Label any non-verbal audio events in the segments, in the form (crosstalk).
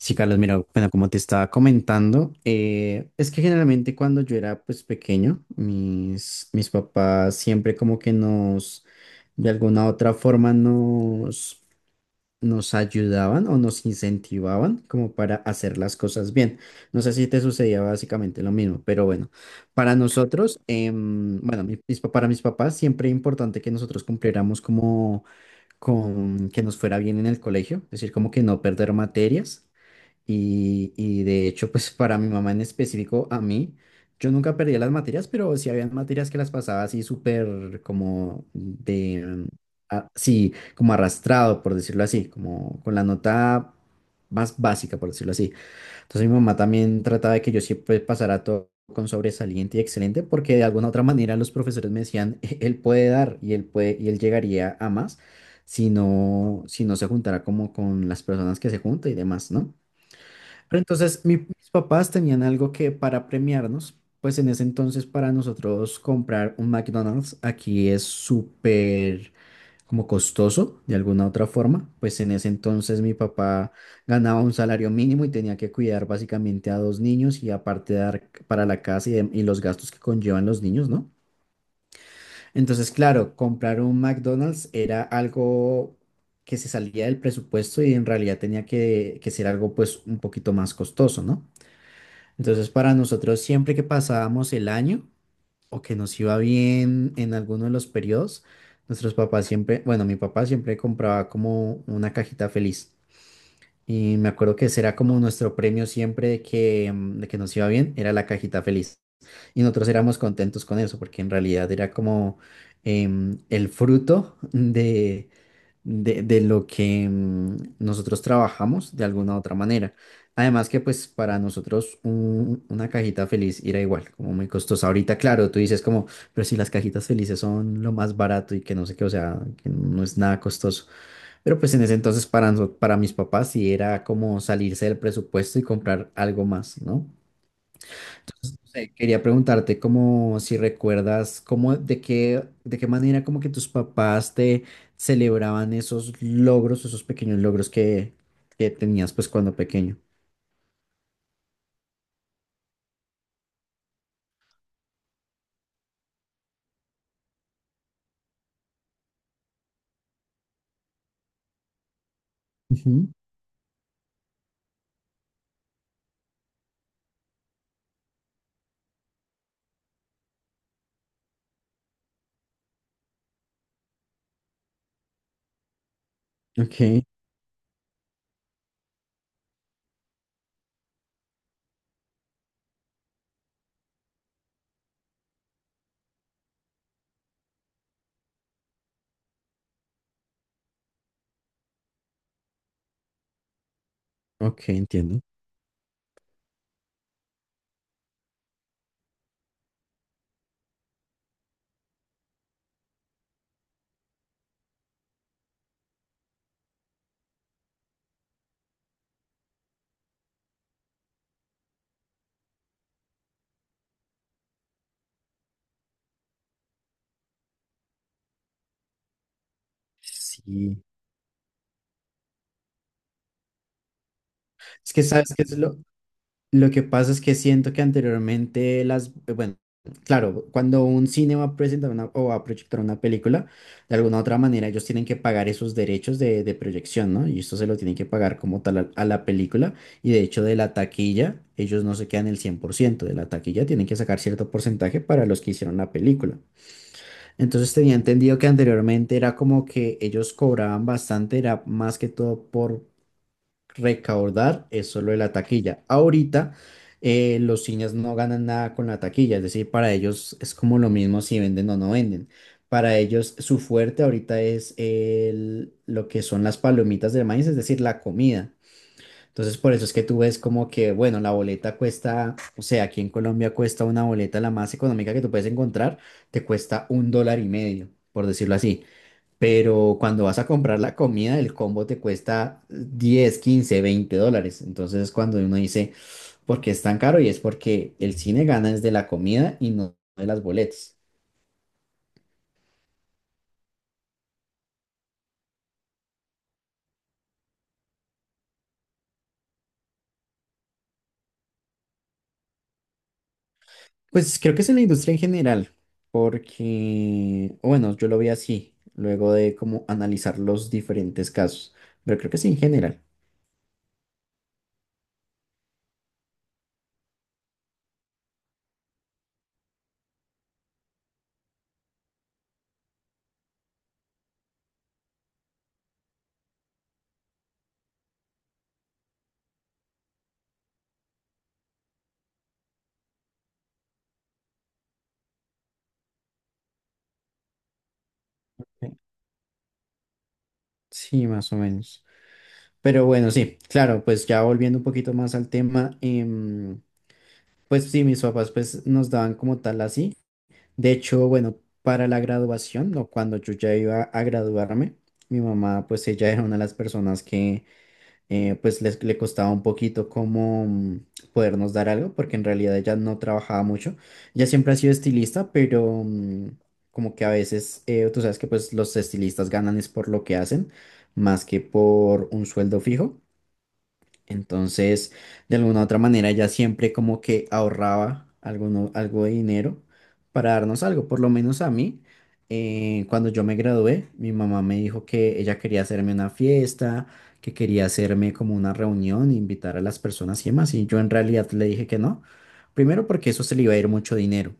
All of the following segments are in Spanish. Sí, Carlos, mira, bueno, como te estaba comentando, es que generalmente cuando yo era pues pequeño, mis papás siempre como que nos, de alguna otra forma nos ayudaban o nos incentivaban como para hacer las cosas bien. No sé si te sucedía básicamente lo mismo, pero bueno, para nosotros, bueno, para mis papás siempre importante que nosotros cumpliéramos como con que nos fuera bien en el colegio, es decir, como que no perder materias y de hecho, pues para mi mamá en específico, a mí, yo nunca perdía las materias, pero sí había materias que las pasaba así súper como de, sí, como arrastrado, por decirlo así, como con la nota más básica, por decirlo así. Entonces mi mamá también trataba de que yo siempre pasara todo con sobresaliente y excelente, porque de alguna otra manera los profesores me decían, Él puede dar y él puede, y él llegaría a más si no, si no se juntara como con las personas que se junta y demás, ¿no?" Pero entonces mis papás tenían algo que para premiarnos, pues en ese entonces para nosotros comprar un McDonald's aquí es súper como costoso de alguna otra forma, pues en ese entonces mi papá ganaba un salario mínimo y tenía que cuidar básicamente a dos niños y aparte dar para la casa y los gastos que conllevan los niños, ¿no? Entonces, claro, comprar un McDonald's era algo que se salía del presupuesto y en realidad tenía que ser algo pues un poquito más costoso, ¿no? Entonces, para nosotros, siempre que pasábamos el año o que nos iba bien en alguno de los periodos, nuestros papás siempre, bueno, mi papá siempre compraba como una cajita feliz. Y me acuerdo que ese era como nuestro premio siempre de que, de que nos iba bien, era la cajita feliz. Y nosotros éramos contentos con eso, porque en realidad era como el fruto de lo que nosotros trabajamos de alguna otra manera. Además que pues para nosotros una cajita feliz era igual, como muy costosa. Ahorita, claro, tú dices como, pero si las cajitas felices son lo más barato y que no sé qué, o sea, que no es nada costoso. Pero pues en ese entonces para mis papás sí era como salirse del presupuesto y comprar algo más, ¿no? No sé, quería preguntarte como si recuerdas cómo de qué manera como que tus papás te celebraban esos logros, esos pequeños logros que tenías pues cuando pequeño. Ujú. Ok. Ok, entiendo. Sí. Es que sabes que es lo que pasa es que siento que anteriormente las, bueno, claro, cuando un cine va a presentar una, o va a proyectar una película, de alguna u otra manera ellos tienen que pagar esos derechos de proyección, ¿no? Y esto se lo tienen que pagar como tal a la película. Y de hecho de la taquilla, ellos no se quedan el 100% de la taquilla, tienen que sacar cierto porcentaje para los que hicieron la película. Entonces tenía entendido que anteriormente era como que ellos cobraban bastante, era más que todo por recaudar es solo de la taquilla. Ahorita los cines no ganan nada con la taquilla, es decir, para ellos es como lo mismo si venden o no venden. Para ellos su fuerte ahorita es lo que son las palomitas de maíz, es decir, la comida. Entonces por eso es que tú ves como que, bueno, la boleta cuesta, o sea, aquí en Colombia cuesta una boleta la más económica que tú puedes encontrar, te cuesta 1,5 dólares, por decirlo así. Pero cuando vas a comprar la comida, el combo te cuesta 10, 15, 20 dólares. Entonces es cuando uno dice, ¿por qué es tan caro? Y es porque el cine gana desde la comida y no de las boletas. Pues creo que es en la industria en general, porque, o bueno, yo lo vi así, luego de como analizar los diferentes casos, pero creo que sí en general. Sí, más o menos. Pero bueno, sí, claro, pues ya volviendo un poquito más al tema, pues sí, mis papás pues nos daban como tal así. De hecho, bueno, para la graduación o cuando yo ya iba a graduarme, mi mamá, pues ella era una de las personas que pues le costaba un poquito como podernos dar algo, porque en realidad ella no trabajaba mucho. Ella siempre ha sido estilista, pero como que a veces, tú sabes que pues los estilistas ganan es por lo que hacen, más que por un sueldo fijo. Entonces, de alguna u otra manera, ella siempre como que ahorraba algo de dinero para darnos algo. Por lo menos a mí, cuando yo me gradué, mi mamá me dijo que ella quería hacerme una fiesta, que quería hacerme como una reunión, invitar a las personas y demás. Y yo en realidad le dije que no. Primero porque eso se le iba a ir mucho dinero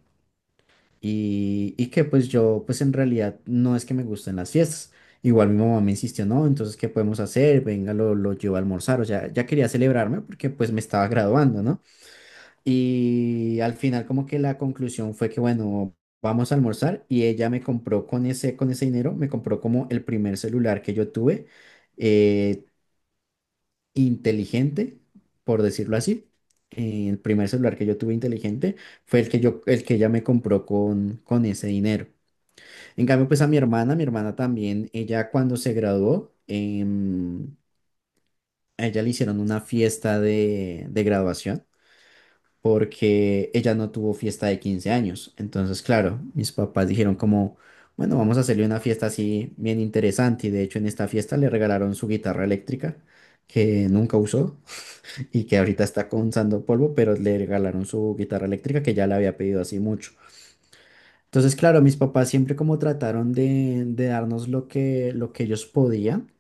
y que pues yo pues en realidad no es que me gusten las fiestas. Igual mi mamá me insistió, no, entonces, ¿qué podemos hacer? Venga, lo llevo a almorzar. O sea, ya quería celebrarme porque pues me estaba graduando, ¿no? Y al final como que la conclusión fue que, bueno, vamos a almorzar y ella me compró con ese dinero, me compró como el primer celular que yo tuve, eh, inteligente, por decirlo así. El primer celular que yo tuve inteligente fue el que ella me compró con ese dinero. En cambio, pues a mi hermana también, ella cuando se graduó, a ella le hicieron una fiesta de graduación porque ella no tuvo fiesta de 15 años. Entonces, claro, mis papás dijeron como, bueno, vamos a hacerle una fiesta así bien interesante. Y de hecho, en esta fiesta le regalaron su guitarra eléctrica que nunca usó y que ahorita está con sando polvo, pero le regalaron su guitarra eléctrica que ya la había pedido así mucho. Entonces, claro, mis papás siempre como trataron de darnos lo que ellos podían,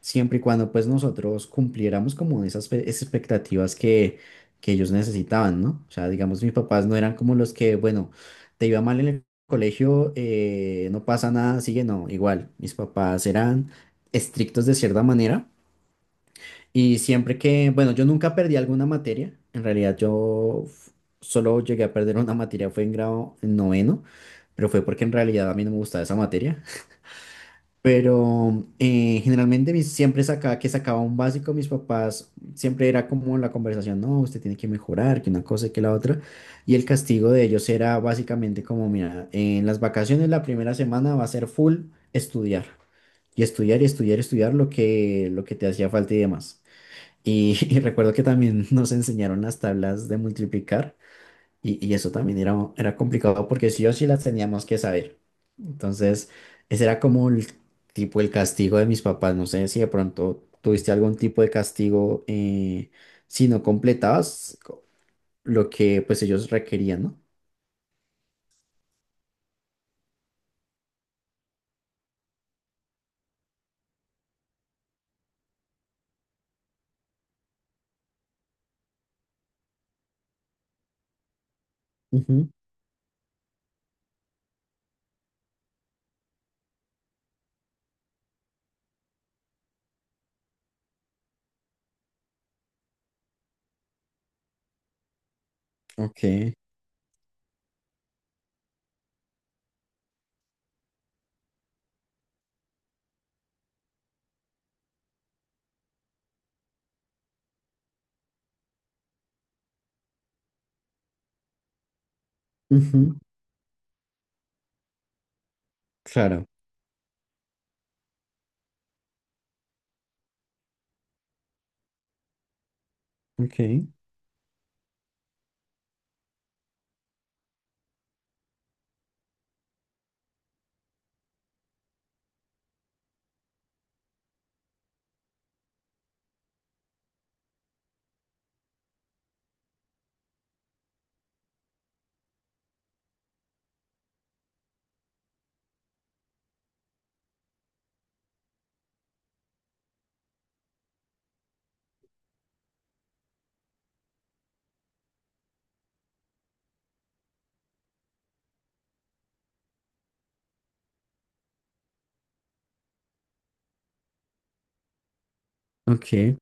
siempre y cuando pues nosotros cumpliéramos como esas expectativas que ellos necesitaban, ¿no? O sea, digamos, mis papás no eran como los que, bueno, te iba mal en el colegio, no pasa nada, sigue, no, igual, mis papás eran estrictos de cierta manera y siempre que, bueno, yo nunca perdí alguna materia, en realidad yo solo llegué a perder una materia, fue en grado noveno pero fue porque en realidad a mí no me gustaba esa materia. Pero generalmente siempre sacaba un básico, mis papás siempre era como la conversación, no, usted tiene que mejorar, que una cosa y que la otra. Y el castigo de ellos era básicamente como, mira, en las vacaciones la primera semana va a ser full estudiar. Y estudiar y estudiar y estudiar lo que te hacía falta y demás. Y, (laughs) y recuerdo que también (laughs) nos enseñaron las tablas de multiplicar. Y eso también era complicado porque sí o sí las teníamos que saber. Entonces, ese era como el tipo el castigo de mis papás. No sé si de pronto tuviste algún tipo de castigo si no completabas lo que pues ellos requerían, ¿no? Ujú. Ok. Ujú, claro. Ok, ok.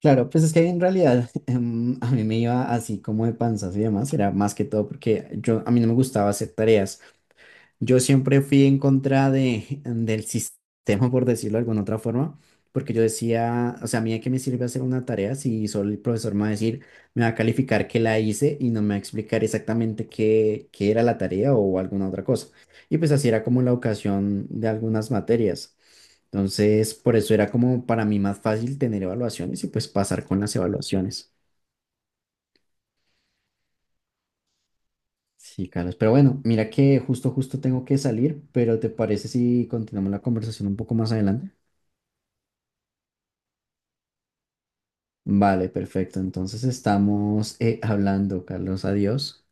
Claro, pues es que en realidad (laughs) a mí me iba así como de panzas y demás, era más que todo porque yo a mí no me gustaba hacer tareas. Yo siempre fui en contra del sistema, por decirlo de alguna otra forma, porque yo decía, o sea, a mí de qué me sirve hacer una tarea si solo el profesor me va a decir, me va a calificar que la hice y no me va a explicar exactamente qué era la tarea o alguna otra cosa. Y pues así era como la ocasión de algunas materias. Entonces, por eso era como para mí más fácil tener evaluaciones y pues pasar con las evaluaciones. Sí, Carlos. Pero bueno, mira que justo, justo tengo que salir, pero ¿te parece si continuamos la conversación un poco más adelante? Vale, perfecto. Entonces estamos hablando, Carlos. Adiós.